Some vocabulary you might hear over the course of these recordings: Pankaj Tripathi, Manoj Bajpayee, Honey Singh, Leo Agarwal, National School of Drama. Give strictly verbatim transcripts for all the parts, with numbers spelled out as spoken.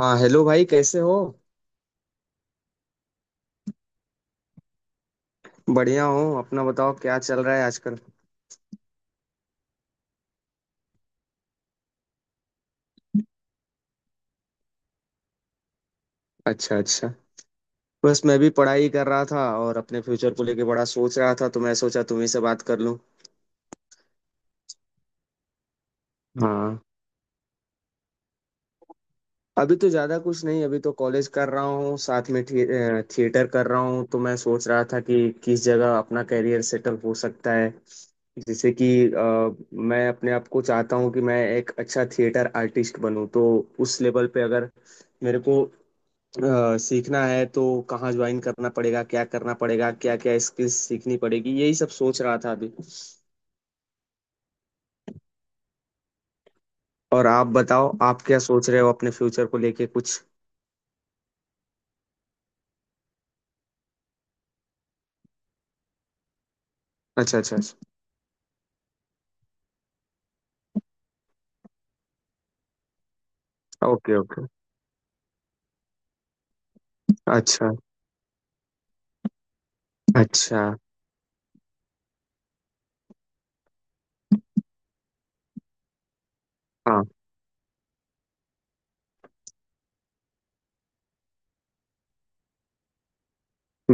हाँ, हेलो भाई, कैसे हो? बढ़िया हो, अपना बताओ, क्या चल रहा है आजकल? अच्छा अच्छा। बस मैं भी पढ़ाई कर रहा था और अपने फ्यूचर को लेके बड़ा सोच रहा था, तो मैं सोचा तुम्ही से बात कर लूं। हाँ। अभी तो ज़्यादा कुछ नहीं, अभी तो कॉलेज कर रहा हूँ, साथ में थिए, अ, थिएटर कर रहा हूँ, तो मैं सोच रहा था कि किस जगह अपना कैरियर सेटल हो सकता है। जैसे कि अ, मैं अपने आप को चाहता हूँ कि मैं एक अच्छा थिएटर आर्टिस्ट बनूं, तो उस लेवल पे अगर मेरे को अ, सीखना है, तो कहाँ ज्वाइन करना पड़ेगा, क्या करना पड़ेगा, क्या क्या स्किल्स सीखनी पड़ेगी, यही सब सोच रहा था अभी। और आप बताओ, आप क्या सोच रहे हो अपने फ्यूचर को लेके कुछ? अच्छा अच्छा अच्छा। Okay okay. अच्छा। अच्छा। हाँ।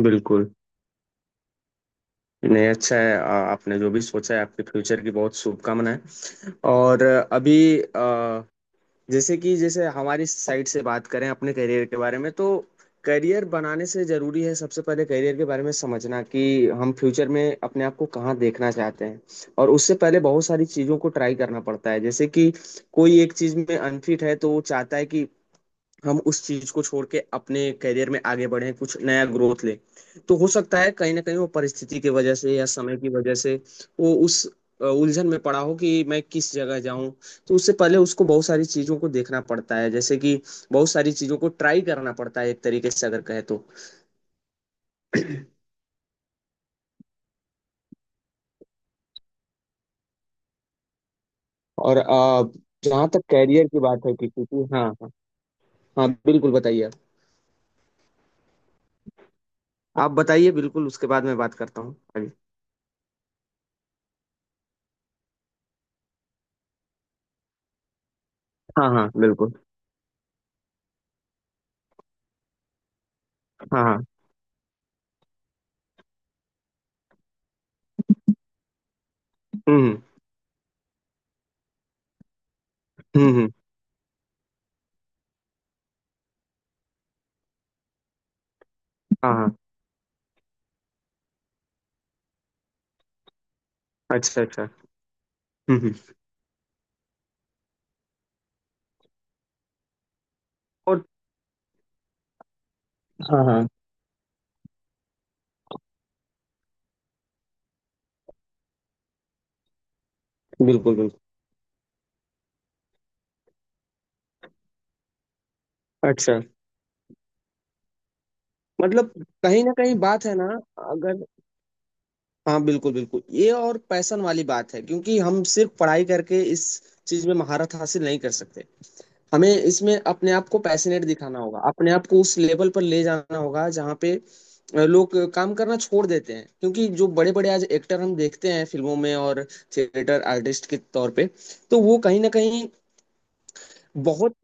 बिल्कुल। नहीं, अच्छा है, आ- आपने जो भी सोचा है, आपके फ्यूचर की बहुत शुभकामनाएं। और अ, अभी, जैसे कि जैसे हमारी साइड से बात करें अपने करियर के बारे में, तो करियर बनाने से जरूरी है सबसे पहले करियर के बारे में समझना कि हम फ्यूचर में अपने आप को कहाँ देखना चाहते हैं। और उससे पहले बहुत सारी चीज़ों को ट्राई करना पड़ता है, जैसे कि कोई एक चीज़ में अनफिट है, तो वो चाहता है कि हम उस चीज को छोड़ के अपने करियर में आगे बढ़े, कुछ नया ग्रोथ ले। तो हो सकता है कहीं ना कहीं वो परिस्थिति की वजह से या समय की वजह से वो उस अ, उलझन में पड़ा हो कि मैं किस जगह जाऊं। तो उससे पहले उसको बहुत सारी चीजों को देखना पड़ता है, जैसे कि बहुत सारी चीजों को ट्राई करना पड़ता है, एक तरीके से अगर कहे तो। और अ, जहाँ तक कैरियर की बात है किसी की, हाँ हाँ। हाँ बिल्कुल, बताइए आप। आप बताइए बिल्कुल, उसके बाद मैं बात करता हूँ आगे। हाँ हाँ बिल्कुल। हाँ हाँ। हम्म। हम्म हम्म। हाँ हाँ। अच्छा अच्छा। हम्म हम्म। और। हाँ हाँ। बिल्कुल बिल्कुल। अच्छा, मतलब कहीं ना कहीं बात है ना, अगर। हाँ बिल्कुल बिल्कुल, ये और पैशन वाली बात है, क्योंकि हम सिर्फ पढ़ाई करके इस चीज में महारत हासिल नहीं कर सकते। हमें इसमें अपने आप को पैशनेट दिखाना होगा, अपने आप को उस लेवल पर ले जाना होगा जहाँ पे अ, लोग काम करना छोड़ देते हैं। क्योंकि जो बड़े बड़े आज एक्टर हम देखते हैं फिल्मों में और थिएटर आर्टिस्ट के तौर पे, तो वो कहीं ना कहीं बहुत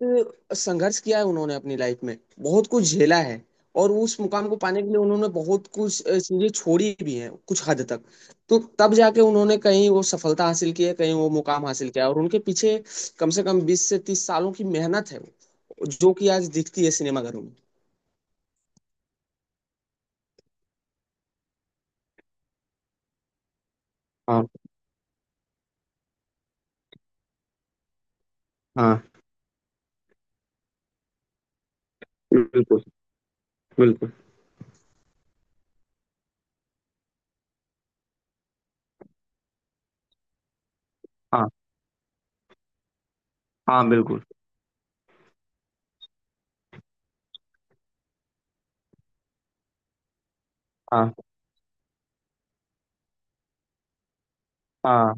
संघर्ष किया है, उन्होंने अपनी लाइफ में बहुत कुछ झेला है। और उस मुकाम को पाने के लिए उन्होंने बहुत कुछ अ, चीजें छोड़ी भी हैं कुछ हद तक। तो तब जाके उन्होंने कहीं वो सफलता हासिल की है, कहीं वो मुकाम हासिल किया है। और उनके पीछे कम से कम बीस से तीस सालों की मेहनत है, वो जो कि आज दिखती है सिनेमाघरों में। हाँ हाँ। बिल्कुल बिल्कुल। हाँ हाँ। बिल्कुल। हाँ हाँ।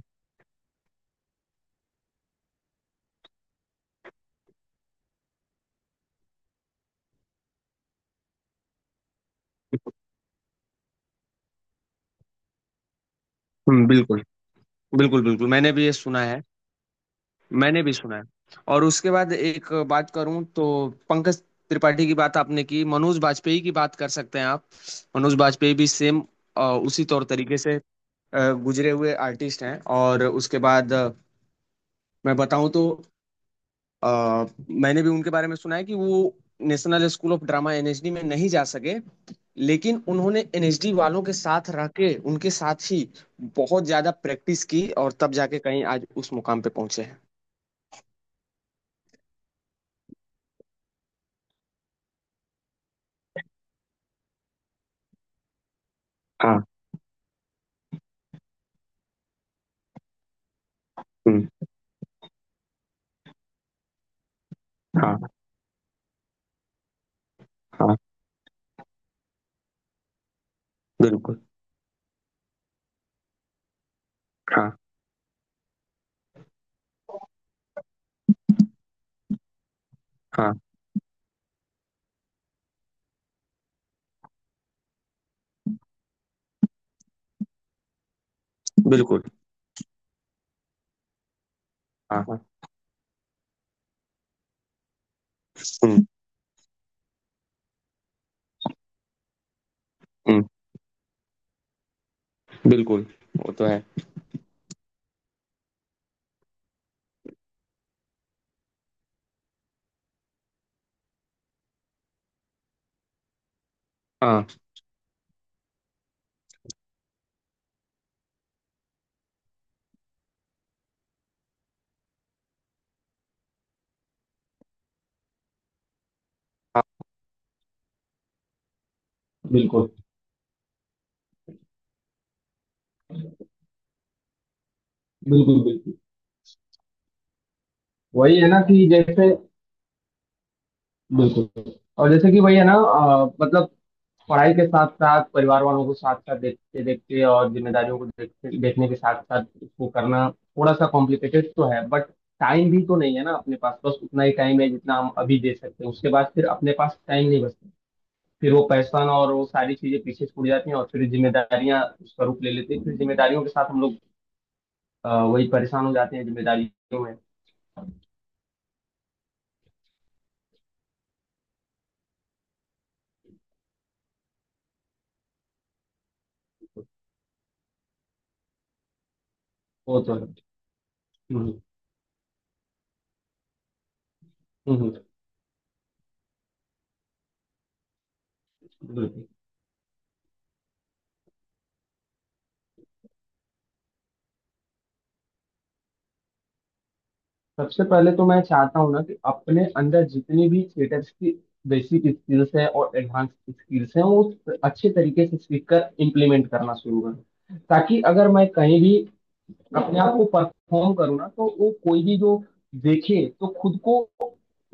हम्म, बिल्कुल। बिल्कुल बिल्कुल, मैंने भी ये सुना है। मैंने भी सुना है। और उसके बाद एक बात करूं तो, पंकज त्रिपाठी की बात आपने की, मनोज बाजपेयी की बात कर सकते हैं आप। मनोज बाजपेयी भी सेम उसी तौर तरीके से अ, गुजरे हुए आर्टिस्ट हैं। और उसके बाद अ, मैं बताऊं तो, अ, मैंने भी उनके बारे में सुना है कि वो national school of drama, NSD में नहीं जा सके। लेकिन उन्होंने एनएसडी वालों के साथ रह के, उनके साथ ही बहुत ज्यादा प्रैक्टिस की, और तब जाके कहीं आज उस मुकाम पे पहुंचे हैं। हाँ। हम्म, हाँ। हाँ बिल्कुल, हाँ, हाँ, बिल्कुल, हाँ, हाँ। हुँ, हुँ, बिल्कुल, वो तो है। हाँ, हाँ। बिल्कुल, बिल्कुल, बिल्कुल। वही है ना कि जैसे। बिल्कुल। और जैसे कि वही है ना, अ, मतलब पढ़ाई के साथ-साथ, परिवार वालों को साथ-साथ देखते-देखते, और ज़िम्मेदारियों को देखते देखने के साथ-साथ उसको करना थोड़ा-सा कॉम्प्लिकेटेड तो है, बट टाइम भी तो नहीं है ना अपने पास। बस उतना ही टाइम है जितना हम अभी दे सकते हैं, उसके बाद फिर अपने पास टाइम नहीं बचता। फिर वो पैसा ना, और वो सारी चीजें पीछे छूट जाती हैं, और फिर जिम्मेदारियां उसका रूप ले लेती हैं। फिर जिम्मेदारियों के साथ हम लोग अ, वही परेशान हो जाते हैं जिम्मेदारियों में। वो तो है। हम्म हम्म। हम्म, बिल्कुल। सबसे पहले तो मैं चाहता हूँ ना कि अपने अंदर जितनी भी थिएटर की बेसिक स्किल्स है और एडवांस स्किल्स हैं, वो अच्छे तरीके से सीख कर इम्प्लीमेंट करना शुरू करूँ, ताकि अगर मैं कहीं भी अपने आप को परफॉर्म करो ना, तो वो कोई भी जो देखे, तो खुद को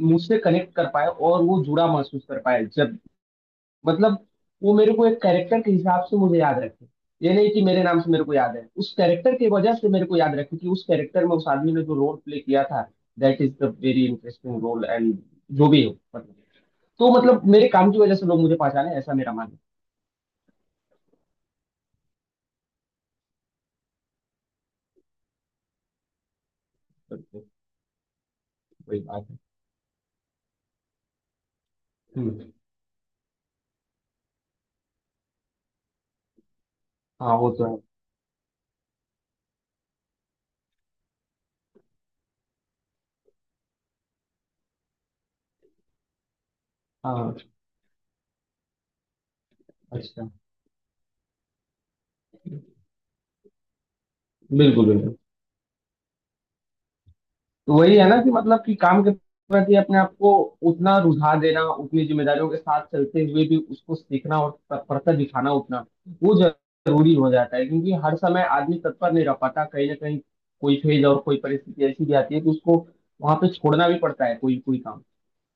मुझसे कनेक्ट कर पाए और वो जुड़ा महसूस कर पाए जब, मतलब वो मेरे को एक कैरेक्टर के हिसाब से मुझे याद रखे। ये नहीं कि मेरे नाम से मेरे को याद है, उस कैरेक्टर की वजह से मेरे को याद रखे कि उस कैरेक्टर में उस आदमी ने जो रोल प्ले किया था, that is the very interesting role and जो भी हो, मतलब, तो मतलब मेरे काम की वजह से लोग मुझे पहचाने, ऐसा मेरा मानना है। तो वही बात है। हम्म। हाँ, वो तो है। हाँ। अच्छा। बिल्कुल बिल्कुल। तो वही है ना कि मतलब कि काम के प्रति अपने आप को उतना रुझा देना, उतनी जिम्मेदारियों के साथ चलते हुए भी उसको सीखना और तत्परता दिखाना उतना, वो जरूरी हो जाता है। क्योंकि हर समय आदमी तत्पर नहीं रह पाता, कहीं ना कहीं कोई फेज और कोई परिस्थिति ऐसी भी आती है कि उसको वहां पे छोड़ना भी पड़ता है, कोई कोई काम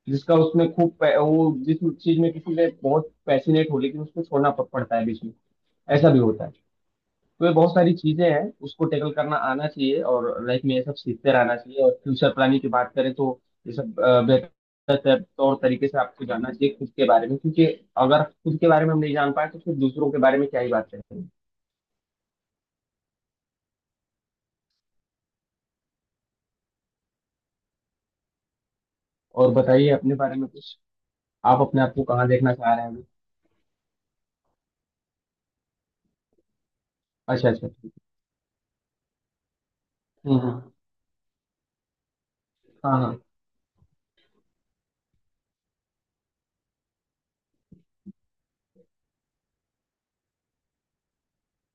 जिसका उसमें खूब पै- वो जिस चीज में किसी ने बहुत पैशनेट हो, लेकिन उसको छोड़ना प- पड़ता है बीच में। ऐसा भी होता है। तो ये बहुत सारी चीजें हैं, उसको टैकल करना आना चाहिए, और लाइफ में ये सब सीखते रहना चाहिए। और फ्यूचर प्लानिंग की बात करें, तो ये सब अ, बेहतर तर- तौर तरीके से आपको जानना चाहिए खुद के बारे में। क्योंकि अगर खुद के बारे में हम नहीं जान पाए, तो फिर दूसरों के बारे में क्या ही बात करेंगे। और बताइए अपने बारे में कुछ, आप अपने आप को कहाँ देखना चाह रहे हैं अभी? अच्छा अच्छा, ठीक है। हम्म हम्म। हाँ हाँ।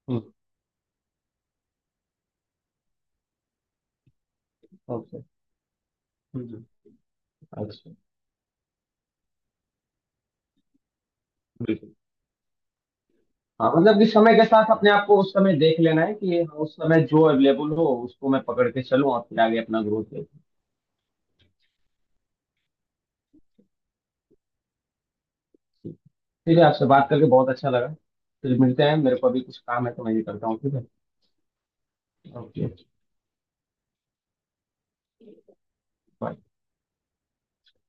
हम्म। ओके। हम्म हम्म। अच्छा। बिल्कुल। हाँ, मतलब कि समय के साथ अपने आप को उस समय देख लेना है कि हाँ, उस समय जो अवेलेबल हो उसको मैं पकड़ के चलूँ और फिर आगे अपना ग्रोथ। ठीक है। ठीक है, आपसे बात करके बहुत अच्छा लगा। फिर मिलते हैं, मेरे को अभी कुछ काम है तो मैं ये करता हूँ। ठीक है। ओके। बाय।